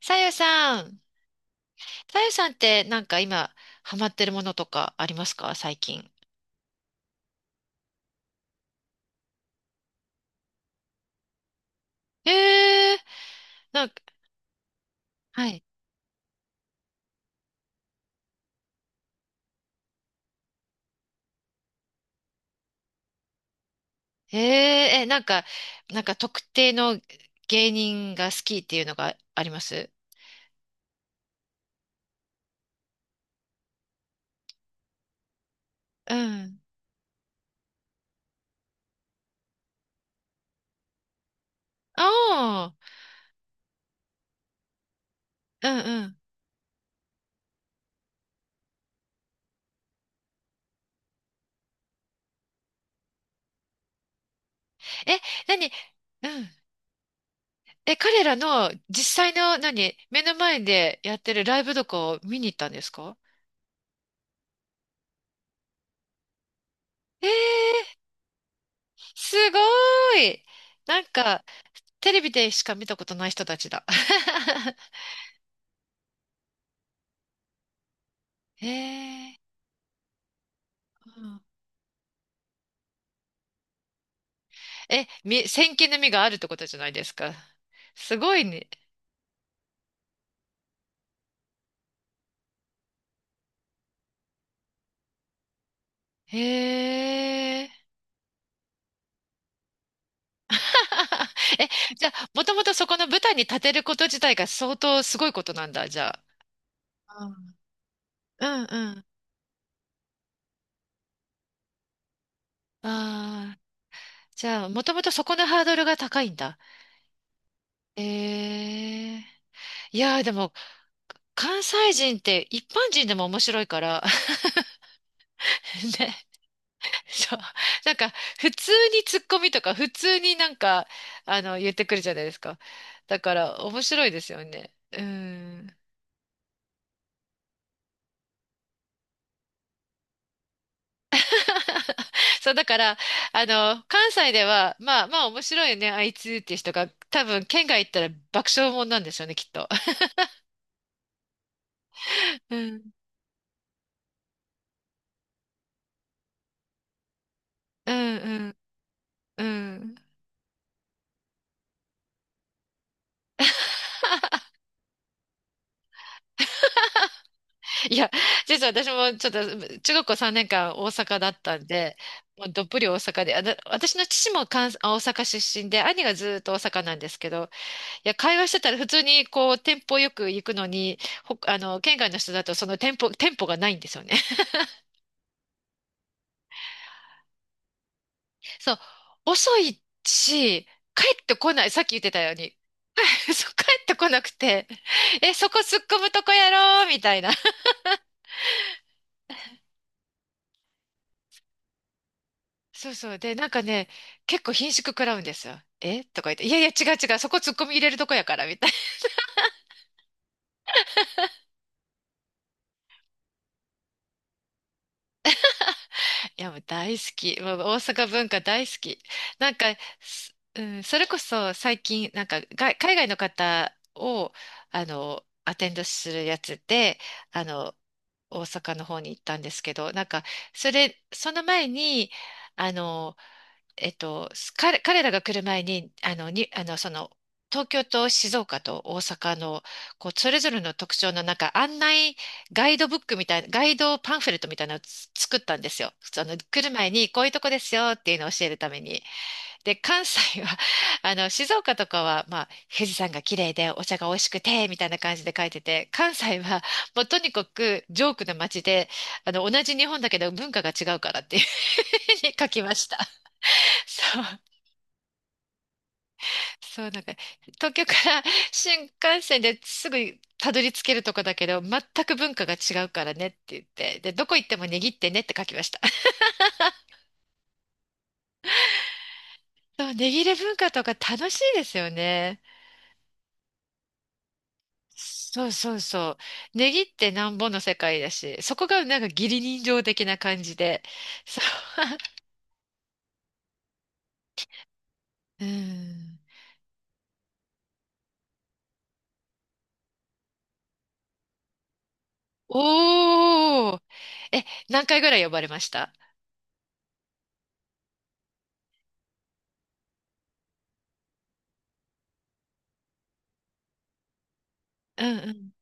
さゆさん。さゆさんって今ハマってるものとかありますか、最近？ええ、なんか、はい。えええ、なんか、なんか特定の芸人が好きっていうのがあります？うん。ああ、うんうん。え、何？うん。え、彼らの実際の、何、目の前でやってるライブとかを見に行ったんですか？ええ、すごーい。なんか、テレビでしか見たことない人たちだ。へえ。うん。え、み、先見の目があるってことじゃないですか。すごいね。へえ。え、じゃあ、もともとそこの舞台に立てること自体が相当すごいことなんだ、じゃあ。うんうんうん。ああ、じゃあ、もともとそこのハードルが高いんだ。ええ。いやー、でも、関西人って一般人でも面白いからね。そう。なんか、普通にツッコミとか、普通になんか、あの、言ってくるじゃないですか。だから、面白いですよね。うん。そう、だから、あの、関西では、まあまあ面白いよね、あいつっていう人が、多分、県外行ったら爆笑もんなんでしょうね、きっと。うん、うん、うん。うん。いや、実は私もちょっと中学校3年間大阪だったんで、もうどっぷり大阪で、あだ私の父も関西、あ大阪出身で、兄がずーっと大阪なんですけど、いや、会話してたら普通にこう、店舗よく行くのに、ほ、あの、県外の人だとその店舗、店舗がないんですよね。そう、遅いし、帰ってこない。さっき言ってたように。そう、帰ってこなくて、え、そこ突っ込むとこやろうみたいな。そうそう。で、なんかね、結構顰蹙食らうんですよ。えとか言って、いやいや違う違う、そこ突っ込み入れるとこやから、みたいな。いや、もう大好き。もう大阪文化大好き。なんか、す、それこそ最近、なんかが海外の方を、アテンドするやつで、あの、大阪の方に行ったんですけど、なんか、それ、その前に、あの、す彼、彼らが来る前に、に、その、東京と静岡と大阪の、こう、それぞれの特徴のなんか案内ガイドブックみたいな、ガイドパンフレットみたいなのをつ作ったんですよ。その、来る前に、こういうとこですよっていうのを教えるために。で、関西は、まあの、静岡とかは、まあ、富士山が綺麗で、お茶が美味しくて、みたいな感じで書いてて、関西は、もうとにかく、ジョークな街で、同じ日本だけど文化が違うからっていうふうに書きました。そう。そう、なんか、東京から新幹線ですぐたどり着けるとこだけど、全く文化が違うからねって言って、で、どこ行っても握ってねって書きました。そう、値切れ文化とか楽しいですよね。そうそうそう。値切ってなんぼの世界だし、そこがなんか義理人情的な感じで。そう。うん。おー。え、何回ぐらい呼ばれました？うん。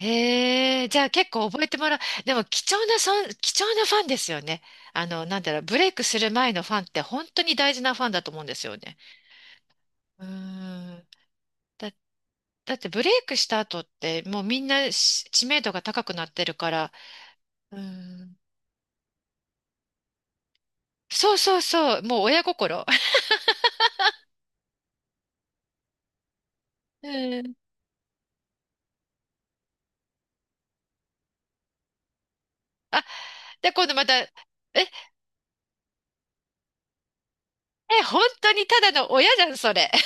へえ、じゃあ結構覚えてもらう。でも貴重なそん、貴重なファンですよね。なんだろう、ブレイクする前のファンって本当に大事なファンだと思うんですよね。うーん。だ、だってブレイクした後ってもうみんなし知名度が高くなってるから。うーん。そうそうそう、もう親心。うん。あ、で、今度また、え、え、本当にただの親じゃん、それ。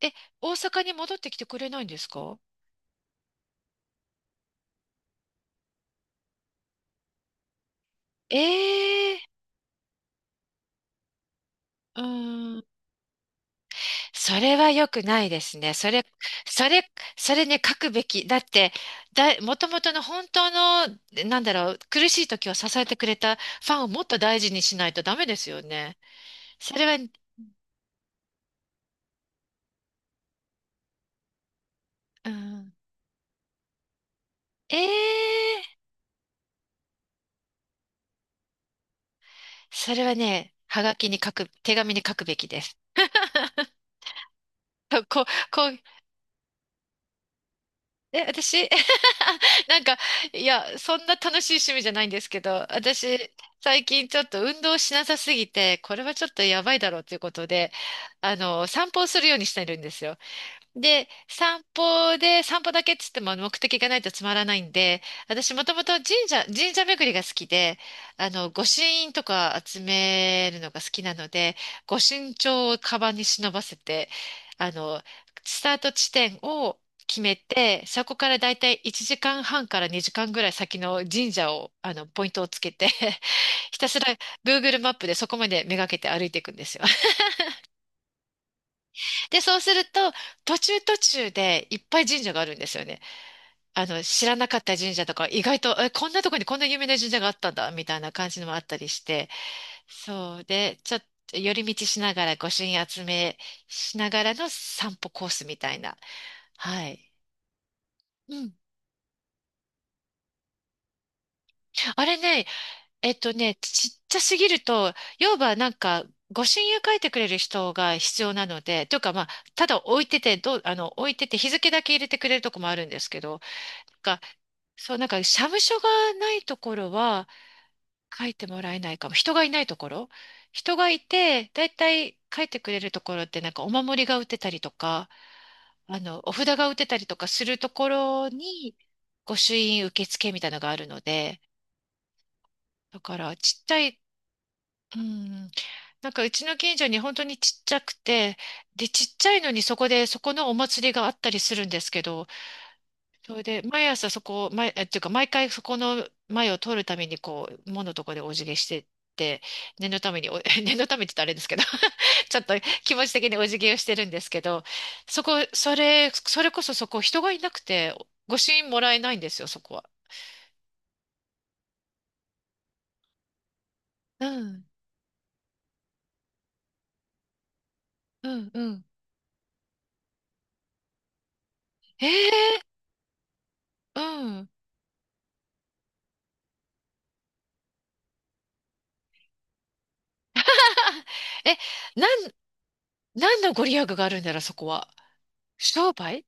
え、大阪に戻ってきてくれないんですか？ええー、うーん。それは良くないですね。それ、それ、それね、書くべき。だって、だ、もともとの本当の、なんだろう、苦しい時を支えてくれたファンをもっと大事にしないとダメですよね。それは、うん、ええ、それはね、はがきに書く、手紙に書くべきです。こう、こう、え、私、 なんか、いや、そんな楽しい趣味じゃないんですけど、私、最近ちょっと運動しなさすぎて、これはちょっとやばいだろうということで、散歩をするようにしてるんですよ。で、散歩で、散歩だけっつっても目的がないとつまらないんで、私もともと神社、神社巡りが好きで、御朱印とか集めるのが好きなので、御朱印帳をカバンに忍ばせて、あの、スタート地点を決めて、そこからだいたい1時間半から2時間ぐらい先の神社を、ポイントをつけて、 ひたすら Google マップでそこまでめがけて歩いていくんですよ。で、そうすると、途中途中でいっぱい神社があるんですよね。知らなかった神社とか、意外と、え、こんなとこにこんな有名な神社があったんだ、みたいな感じのもあったりして、そう。で、ちょっと寄り道しながら、御朱印集めしながらの散歩コースみたいな。はい。うん。あれね、ちっちゃすぎると、要はなんか、御朱印を書いてくれる人が必要なので、というかまあ、ただ置いてて、どう、あの、置いてて日付だけ入れてくれるとこもあるんですけど、が、そう、なんか、社務所がないところは、書いてもらえないかも。人がいないところ、人がいて、だいたい書いてくれるところってなんかお守りが売ってたりとか、お札が売ってたりとかするところに、御朱印受付みたいなのがあるので、だからちっちゃい、うん、なんかうちの近所に本当にちっちゃくて、で、ちっちゃいのにそこで、そこのお祭りがあったりするんですけど、それで、毎朝そこを、毎、え、っていうか、毎回そこの前を通るために、こう、門のとこでお辞儀してって、念のためにお、念のためって言ったらあれですけど、 ちょっと気持ち的にお辞儀をしてるんですけど、そこ、それ、それこそそこ、人がいなくて、御朱印もらえないんですよ、そこは。うん、うん、うん。ええ、うん。え、なん、何のご利益があるんだろう、そこは。商売、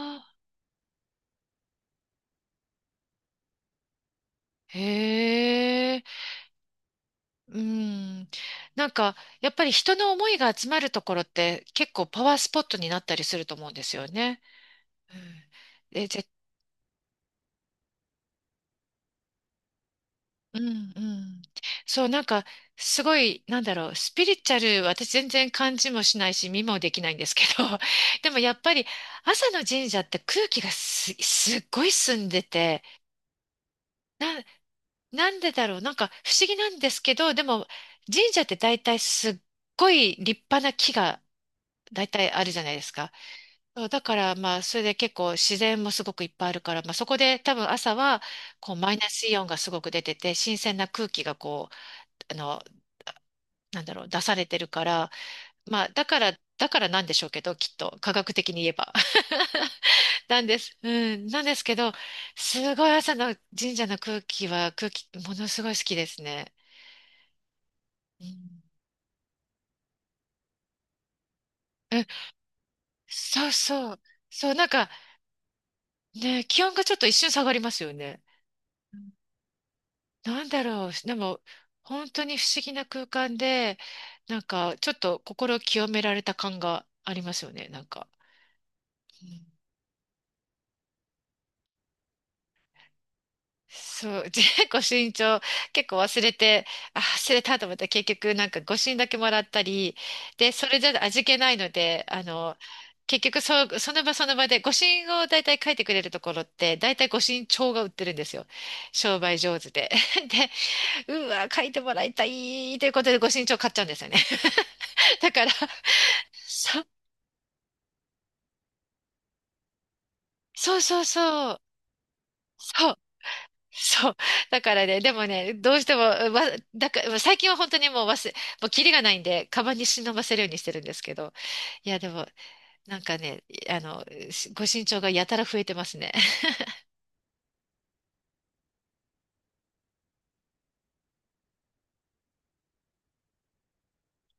ああー、へえ。うん。なんか、やっぱり人の思いが集まるところって結構パワースポットになったりすると思うんですよね。うん。で、ぜ、うんうん。そう、なんか、すごい、なんだろう、スピリチュアル、私全然感じもしないし、見もできないんですけど、でもやっぱり朝の神社って空気がす、すっごい澄んでて、な、なんでだろう、なんか不思議なんですけど、でも神社って大体すっごい立派な木が大体あるじゃないですか。そうだから、まあ、それで結構自然もすごくいっぱいあるから、まあ、そこで多分朝は、こう、マイナスイオンがすごく出てて、新鮮な空気がこう、なんだろう、出されてるから、まあ、だから、だからなんでしょうけど、きっと、科学的に言えば。なんです。うん。なんですけど、すごい朝の神社の空気は、空気、ものすごい好きですね。うん。うん、そうそう。そう、なんか、ね、気温がちょっと一瞬下がりますよね。なんだろう、でも本当に不思議な空間で、なんかちょっと心を清められた感がありますよね、なんか。うん、そう、結構身長、結構忘れて、あ、忘れたと思ったら結局なんかご診だけもらったり、で、それじゃ味気ないので、結局そう、その場その場でご診を大体書いてくれるところって、大体ご診帳が売ってるんですよ。商売上手で。で、うわ、書いてもらいたいということでご診帳買っちゃうんですよね。だからそ、そうそうそう。そう。そう。だからね、でもね、どうしても、わ、だから、最近は本当にもう忘れ、もうキリがないんで、カバンに忍ばせるようにしてるんですけど。いや、でも、なんかね、あの、しご身長がやたら増えてますね。